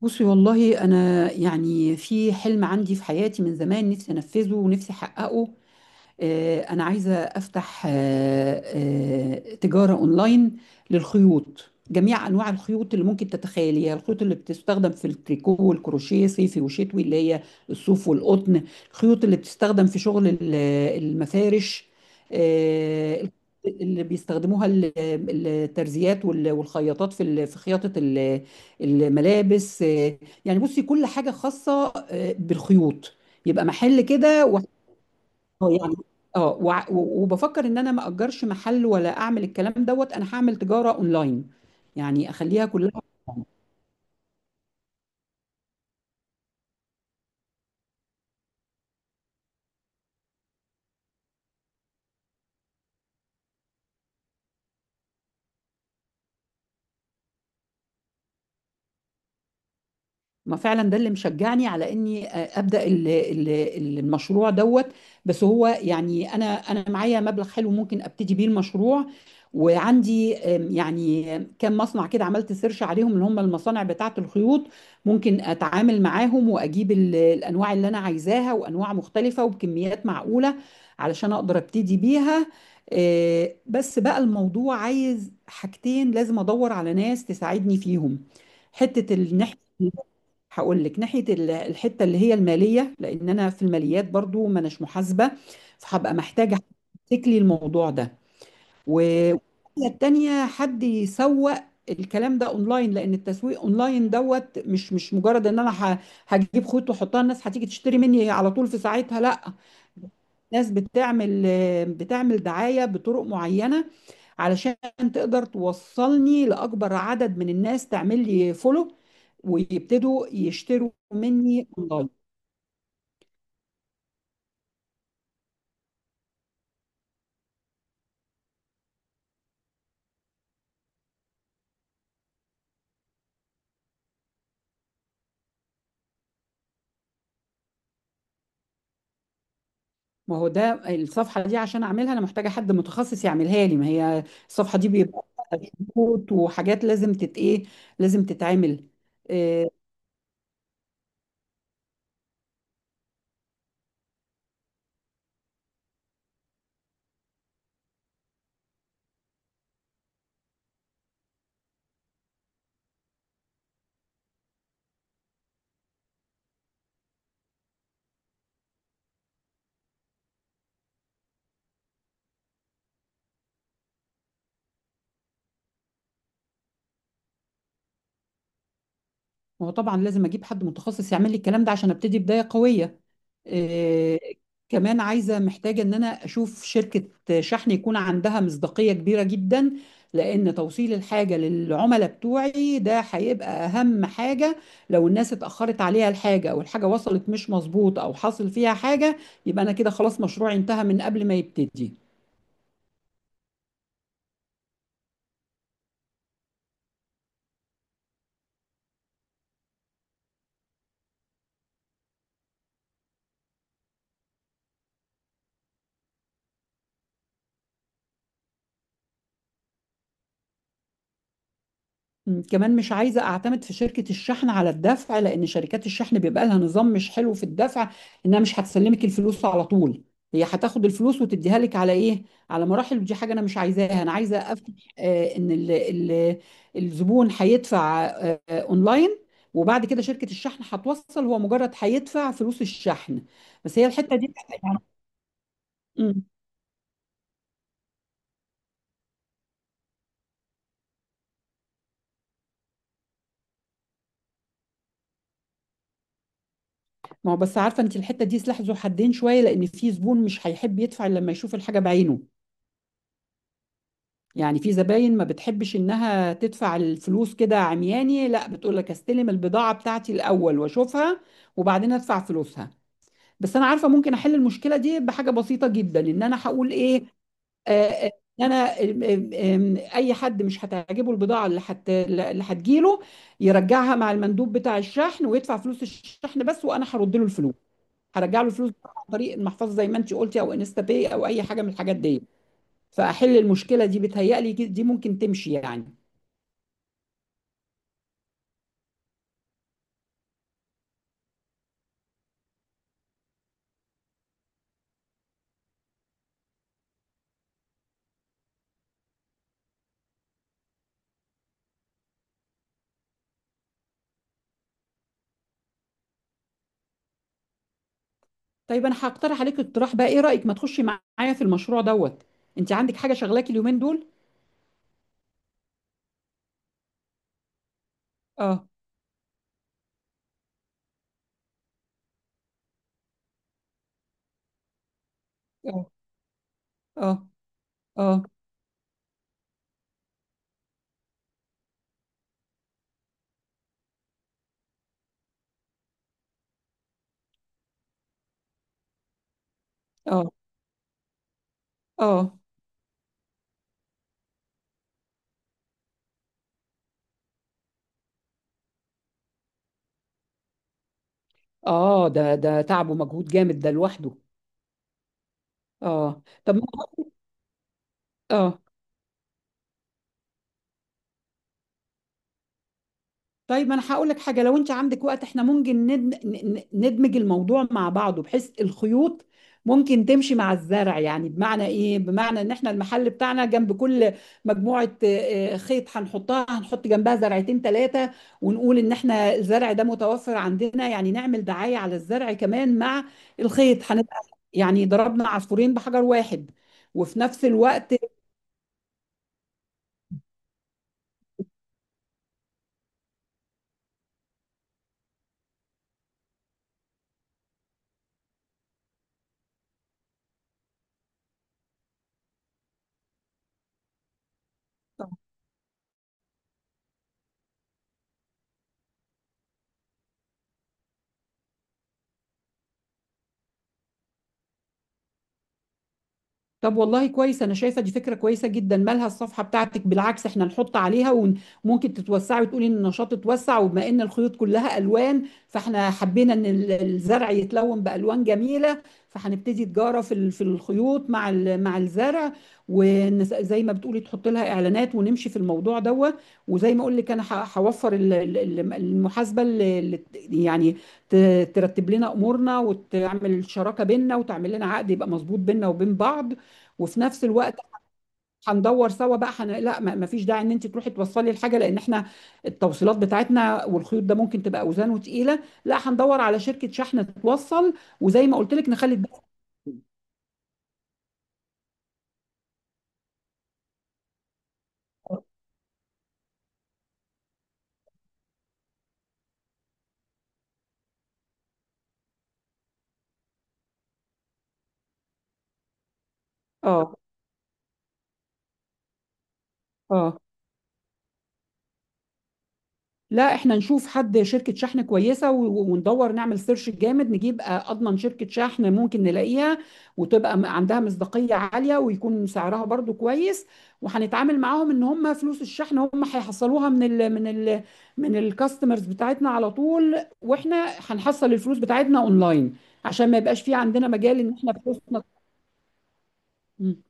بصي والله انا يعني في حلم عندي في حياتي من زمان نفسي انفذه ونفسي احققه. أنا عايزة أفتح تجارة أونلاين للخيوط، جميع أنواع الخيوط اللي ممكن تتخيليها. الخيوط اللي بتستخدم في التريكو والكروشيه صيفي وشتوي اللي هي الصوف والقطن. الخيوط اللي بتستخدم في شغل المفارش، آه، اللي بيستخدموها الترزيات والخياطات في في خياطة الملابس، يعني بصي كل حاجة خاصة بالخيوط، يبقى محل كده. اه يعني. اه وبفكر ان انا ما اجرش محل ولا اعمل الكلام دوت، انا هعمل تجاره اونلاين يعني اخليها كلها. ما فعلا ده اللي مشجعني على اني ابدا المشروع دوت. بس هو يعني انا معايا مبلغ حلو ممكن ابتدي بيه المشروع. وعندي يعني كام مصنع كده، عملت سيرش عليهم، اللي هم المصانع بتاعه الخيوط ممكن اتعامل معاهم واجيب الانواع اللي انا عايزاها، وانواع مختلفه وبكميات معقوله علشان اقدر ابتدي بيها. بس بقى الموضوع عايز حاجتين، لازم ادور على ناس تساعدني فيهم. حته الناحيه، هقول لك ناحية الحتة اللي هي المالية، لأن أنا في الماليات برضو ما أناش محاسبة، فهبقى محتاجة حد يمسك لي الموضوع ده. والناحية التانية حد يسوق الكلام ده اونلاين، لان التسويق اونلاين دوت مش مجرد ان انا هجيب خيط واحطها الناس هتيجي تشتري مني على طول في ساعتها، لا. ناس بتعمل بتعمل دعاية بطرق معينة علشان تقدر توصلني لأكبر عدد من الناس، تعمل لي فولو ويبتدوا يشتروا مني اونلاين. ما هو ده الصفحه دي عشان اعملها انا محتاجه حد متخصص يعملها لي، ما هي الصفحه دي بيبقى فيها شروط وحاجات لازم تت ايه، لازم تتعمل. آه، ما هو طبعا لازم اجيب حد متخصص يعمل لي الكلام ده عشان ابتدي بدايه قويه. آه، كمان عايزة محتاجة ان انا اشوف شركة شحن يكون عندها مصداقية كبيرة جدا، لان توصيل الحاجة للعملاء بتوعي ده هيبقى اهم حاجة. لو الناس اتأخرت عليها الحاجة او الحاجة وصلت مش مظبوط او حصل فيها حاجة، يبقى انا كده خلاص مشروعي انتهى من قبل ما يبتدي. كمان مش عايزة أعتمد في شركة الشحن على الدفع، لأن شركات الشحن بيبقى لها نظام مش حلو في الدفع. إنها مش هتسلمك الفلوس على طول، هي هتاخد الفلوس وتديها لك على إيه؟ على مراحل، ودي حاجة أنا مش عايزاها. أنا عايزة أفتح إن ال الزبون هيدفع أونلاين، وبعد كده شركة الشحن هتوصل. هو مجرد هيدفع فلوس الشحن بس، هي الحتة دي يعني. مم. ما هو بس عارفة أنت الحتة دي سلاح ذو حدين شوية، لأن في زبون مش هيحب يدفع إلا لما يشوف الحاجة بعينه. يعني في زباين ما بتحبش انها تدفع الفلوس كده عمياني، لا، بتقول لك استلم البضاعة بتاعتي الاول واشوفها وبعدين ادفع فلوسها. بس انا عارفة ممكن احل المشكلة دي بحاجة بسيطة جدا، ان انا هقول ايه. آه، آه، إن انا آم، آم، آم، اي حد مش هتعجبه البضاعة اللي هتجيله يرجعها مع المندوب بتاع الشحن ويدفع فلوس الشحن بس، وانا هرد له الفلوس. هرجع له الفلوس عن طريق المحفظة زي ما انت قلتي، او انستا باي، او اي حاجة من الحاجات دي. فاحل المشكله دي بتهيألي دي ممكن تمشي يعني. طيب انا هقترح عليك اقتراح بقى، ايه رايك ما تخشي معايا في المشروع دوت؟ انت عندك حاجه شغلاكي اليومين دول؟ اه. اه. اه. اه. اه. اه. اه. ده تعب ومجهود جامد ده لوحده. اه. طب ما- اه طيب انا هقول لك حاجه، لو انت عندك وقت احنا ممكن ندمج الموضوع مع بعضه، بحيث الخيوط ممكن تمشي مع الزرع. يعني بمعنى ايه؟ بمعنى ان احنا المحل بتاعنا جنب كل مجموعه خيط هنحطها، هنحط جنبها زرعتين ثلاثه، ونقول ان احنا الزرع ده متوفر عندنا. يعني نعمل دعايه على الزرع كمان مع الخيط، هنبقى يعني ضربنا عصفورين بحجر واحد. وفي نفس الوقت. طب والله كويس، انا شايفه دي فكره كويسه جدا. مالها الصفحه بتاعتك، بالعكس احنا نحط عليها. وممكن تتوسعي وتقولي ان النشاط اتوسع، وبما ان الخيوط كلها الوان، فاحنا حبينا ان الزرع يتلون بالوان جميله. فهنبتدي تجاره في في الخيوط مع مع الزرع. وزي ما بتقولي تحط لها اعلانات ونمشي في الموضوع دوت. وزي ما اقول لك انا هوفر المحاسبه اللي يعني ترتب لنا امورنا وتعمل شراكه بيننا، وتعمل لنا عقد يبقى مظبوط بيننا وبين بعض. وفي نفس الوقت هندور سوا بقى حن... لا، ما ما فيش داعي ان انت تروحي توصلي الحاجه، لان احنا التوصيلات بتاعتنا والخيوط ده ممكن تبقى اوزانه تقيله. لا هندور على شركه شحن توصل، وزي ما قلت لك نخلي الدفع. اه. اه. لا احنا نشوف حد شركة شحن كويسة، وندور نعمل سيرش جامد نجيب اضمن شركة شحن ممكن نلاقيها وتبقى عندها مصداقية عالية ويكون سعرها برضو كويس. وهنتعامل معاهم ان هم فلوس الشحن هم هيحصلوها من ال من الكاستمرز بتاعتنا على طول، واحنا هنحصل الفلوس بتاعتنا اونلاين عشان ما يبقاش في عندنا مجال ان احنا فلوسنا. مم.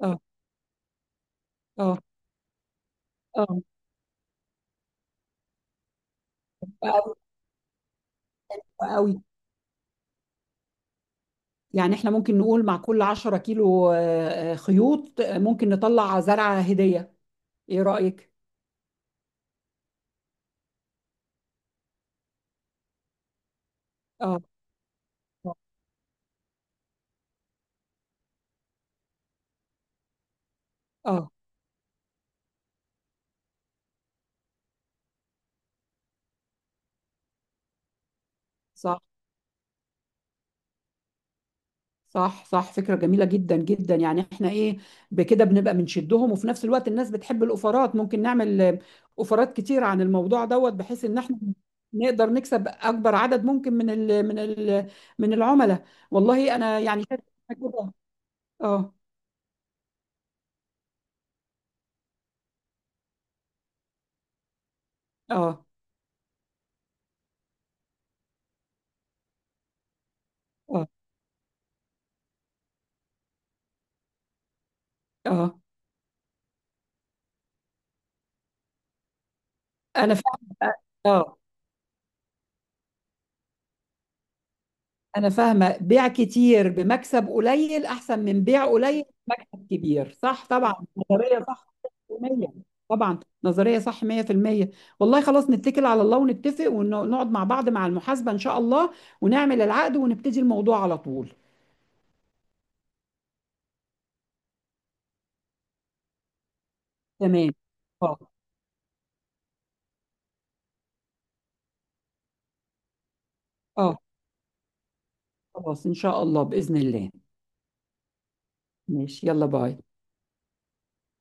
اه. اه. اه. او. أو يعني احنا ممكن نقول مع كل 10 كيلو خيوط، ممكن نطلع زرعة هدية، ايه رأيك؟ اه. اه. آه، صح. صح. صح فكرة جميلة جدا جدا. يعني احنا ايه، بكده بنبقى بنشدهم. وفي نفس الوقت الناس بتحب الأوفرات، ممكن نعمل أوفرات كتير عن الموضوع دوت، بحيث ان احنا نقدر نكسب اكبر عدد ممكن من ال من العملاء. والله انا يعني شايفة كده. اه. اه. اه. اه. انا فعلا اه. آه. أنا فاهمة، بيع كتير بمكسب قليل أحسن من بيع قليل بمكسب كبير، صح؟ طبعا نظرية صح 100%. طبعا نظرية صح 100%. والله خلاص، نتكل على الله ونتفق ونقعد مع بعض مع المحاسبة إن شاء الله، ونعمل العقد ونبتدي الموضوع على طول. تمام. اه. اه. خلاص إن شاء الله بإذن الله. ماشي يلا باي.